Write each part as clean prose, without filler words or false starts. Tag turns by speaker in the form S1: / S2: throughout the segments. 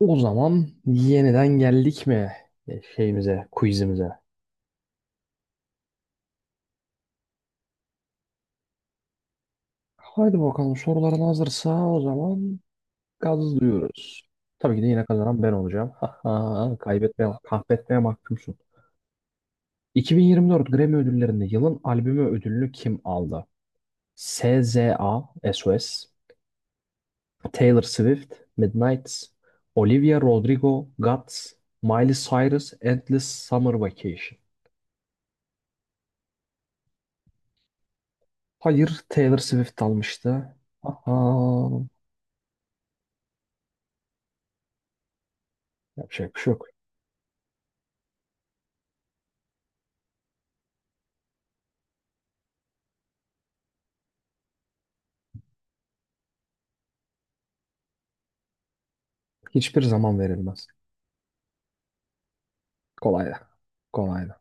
S1: O zaman yeniden geldik mi şeyimize, quizimize? Haydi bakalım soruların hazırsa o zaman gazlıyoruz. Tabii ki de yine kazanan ben olacağım. Ha, ha. Kaybetmeye, kahvetmeye mahkumsun. 2024 Grammy ödüllerinde yılın albümü ödülünü kim aldı? SZA, SOS, Taylor Swift, Midnights, Olivia Rodrigo, Guts, Miley Cyrus, Endless Summer Vacation. Hayır, Taylor Swift almıştı. Aha. Yapacak bir şey yok. Hiçbir zaman verilmez. Kolay da. Kolay da.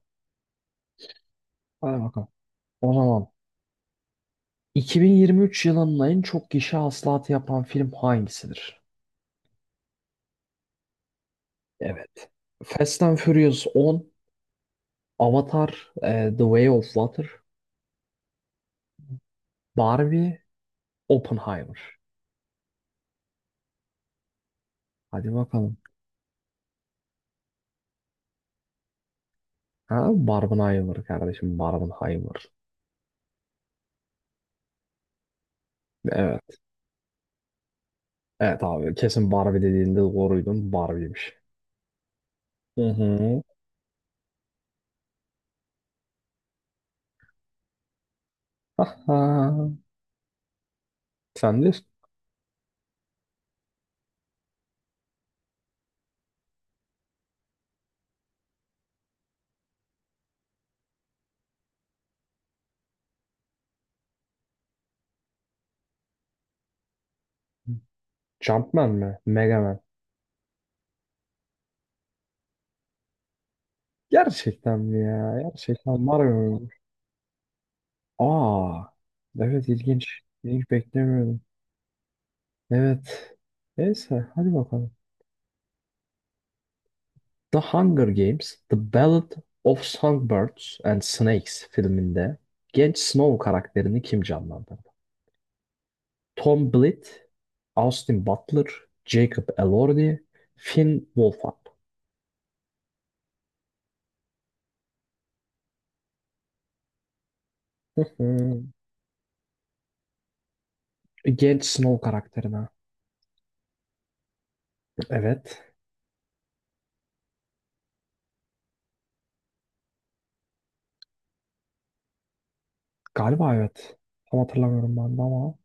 S1: Hadi bakalım. O zaman 2023 yılının en çok gişe hasılatı yapan film hangisidir? Evet. Fast and Furious 10, Avatar, The Way of Water, Barbie, Oppenheimer. Hadi bakalım. Ha, Barbenheimer kardeşim, Barbenheimer. Evet. Evet abi kesin Barbie dediğinde doğruydun. Barbie'ymiş. Hı hı. Aha. Sen de Jumpman mi? Mega Man. Gerçekten mi ya? Gerçekten var mı? Aa, evet ilginç. İlginç beklemiyordum. Evet. Neyse hadi bakalım. The Hunger Games, The Ballad of Songbirds and Snakes filminde genç Snow karakterini kim canlandırdı? Tom Blyth, Austin Butler, Jacob Elordi, Finn Wolfhard. Hmm. Genç Snow karakterine. Evet. Galiba evet. Tam hatırlamıyorum ben de ama.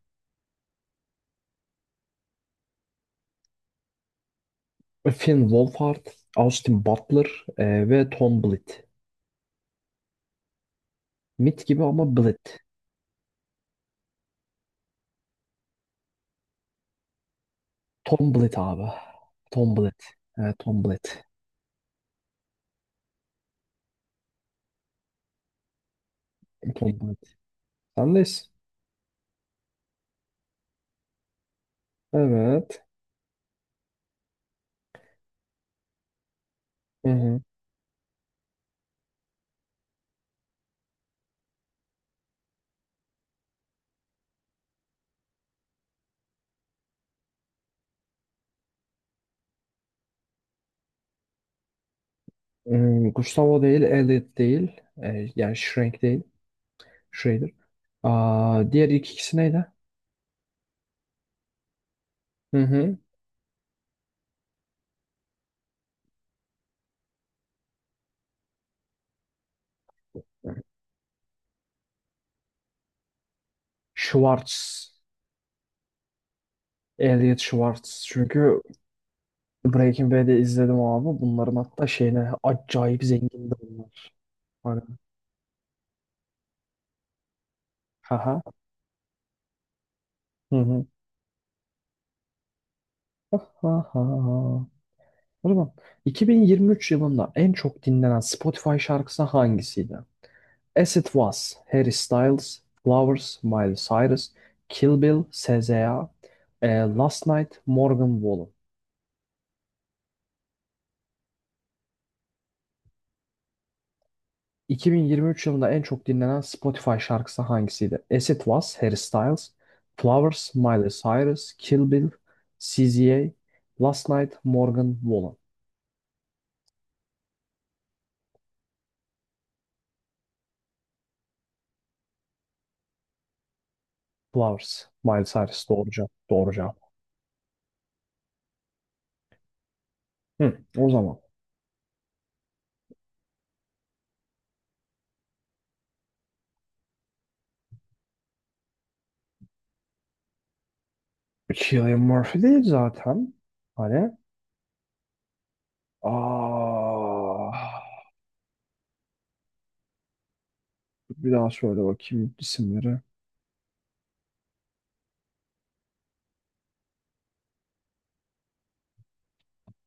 S1: Finn Wolfhard, Austin Butler ve Tom Blitt. Mit gibi ama Blitt. Tom Blitt abi. Tom Blitt. Evet, Tom Blitt. Tom Blitt. Sendeyiz. Evet. Hı hı. Hmm, Gustavo değil, Elliot değil. E, yani Schrank değil. Schrader. Aa, diğer ilk ikisi neydi? Hı hı. Schwartz. Elliot Schwartz. Çünkü Breaking Bad'i izledim abi. Bunların hatta şeyine acayip zengindi bunlar. Hani. Haha. Hı hı. Ha ha. Ha. O zaman 2023 yılında en çok dinlenen Spotify şarkısı hangisiydi? As It Was, Harry Styles, Flowers, Miley Cyrus, Kill Bill, SZA, e, Last Night, Morgan Wallen. 2023 yılında en çok dinlenen Spotify şarkısı hangisiydi? As It Was, Harry Styles, Flowers, Miley Cyrus, Kill Bill, SZA, Last Night, Morgan Wallen. Flowers, Miley Cyrus doğru cevap. Doğru cevap. Hı, o zaman. Cillian Murphy değil zaten. Hani. Aa, bir daha söyle bakayım isimleri.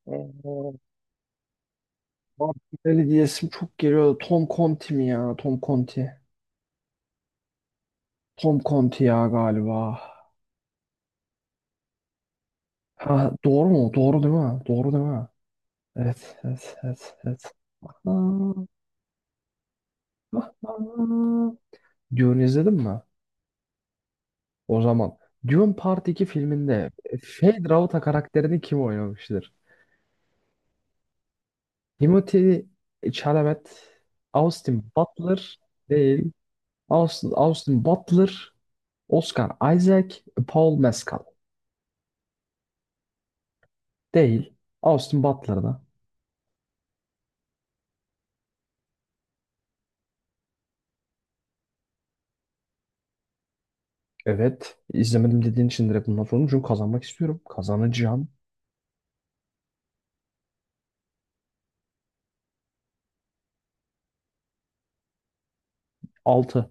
S1: Aa, Martinelli diye isim çok geliyor. Tom Conti mi ya? Tom Conti. Tom Conti ya galiba. Ha, doğru mu? Doğru değil mi? Doğru değil mi? Evet, evet, evet, evet. Aa, ah, ah. Dune izledin mi? O zaman. Dune Part 2 filminde Fade Rauta karakterini kim oynamıştır? Timothy Chalamet, Austin Butler değil. Austin Butler, Oscar Isaac, Paul Mescal değil. Austin Butler'da. Evet. izlemedim dediğin için direkt bundan sordum. Çünkü kazanmak istiyorum. Kazanacağım. Altı,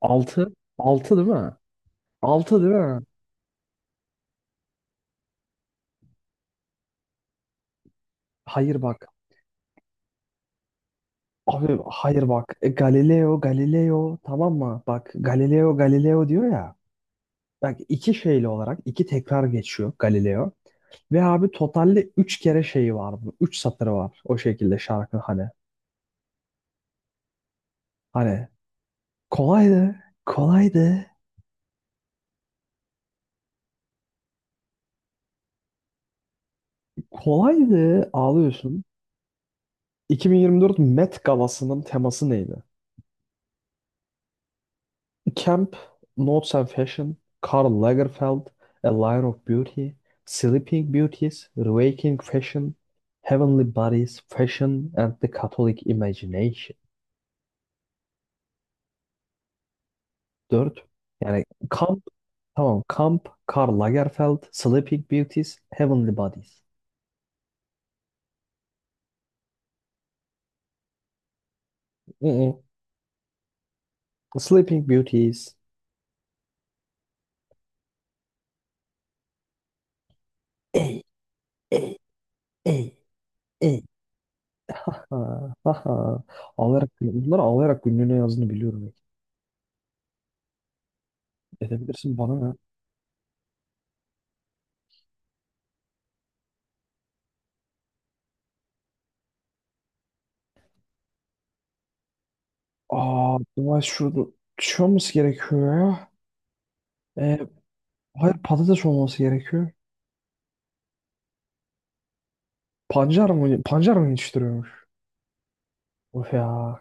S1: altı, altı değil mi? Altı değil mi? Hayır bak. Abi hayır bak. Galileo Galileo tamam mı? Bak Galileo Galileo diyor ya. Bak iki şeyli olarak iki tekrar geçiyor Galileo. Ve abi totalde üç kere şeyi var bu. Üç satırı var o şekilde şarkı hani. Hani kolaydı, kolaydı, kolaydı ağlıyorsun. 2024 Met Galası'nın teması neydi? Camp, Notes and Fashion, Karl Lagerfeld, A Line of Beauty, Sleeping Beauties, Waking Fashion, Heavenly Bodies, Fashion and the Catholic Imagination. Dört. Yani kamp. Tamam. Camp, Karl Lagerfeld, Sleeping Beauties, Heavenly Bodies. Mm-mm. Sleeping Beauties. Ey, ey, ey, ey. Ha, ha, ha. Ağlayarak, bunları ağlayarak günlüğüne yazdığını biliyorum. Edebilirsin bana ne? Aa, Dubai şurada şey olması gerekiyor ya. Ee, hayır patates olması gerekiyor. Pancar mı, pancar mı yetiştiriyormuş? Of ya.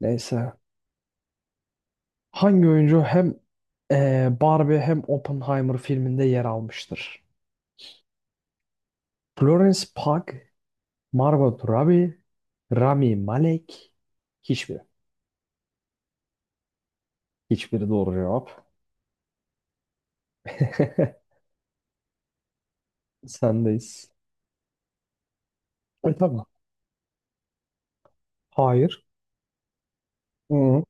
S1: Neyse. Hangi oyuncu hem Barbie hem Oppenheimer filminde yer almıştır? Florence Pugh, Margot Robbie, Rami Malek. Hiçbiri. Hiçbiri doğru cevap. Sendeyiz. E tamam. Hayır. Hı.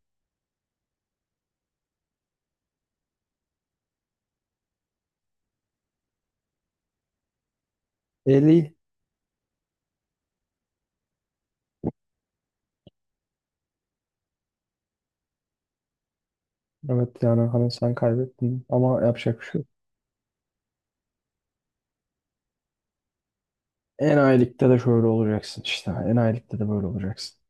S1: 50. Evet yani hani sen kaybettin ama yapacak bir şey yok. Enayilikte de şöyle olacaksın işte. Enayilikte de böyle olacaksın.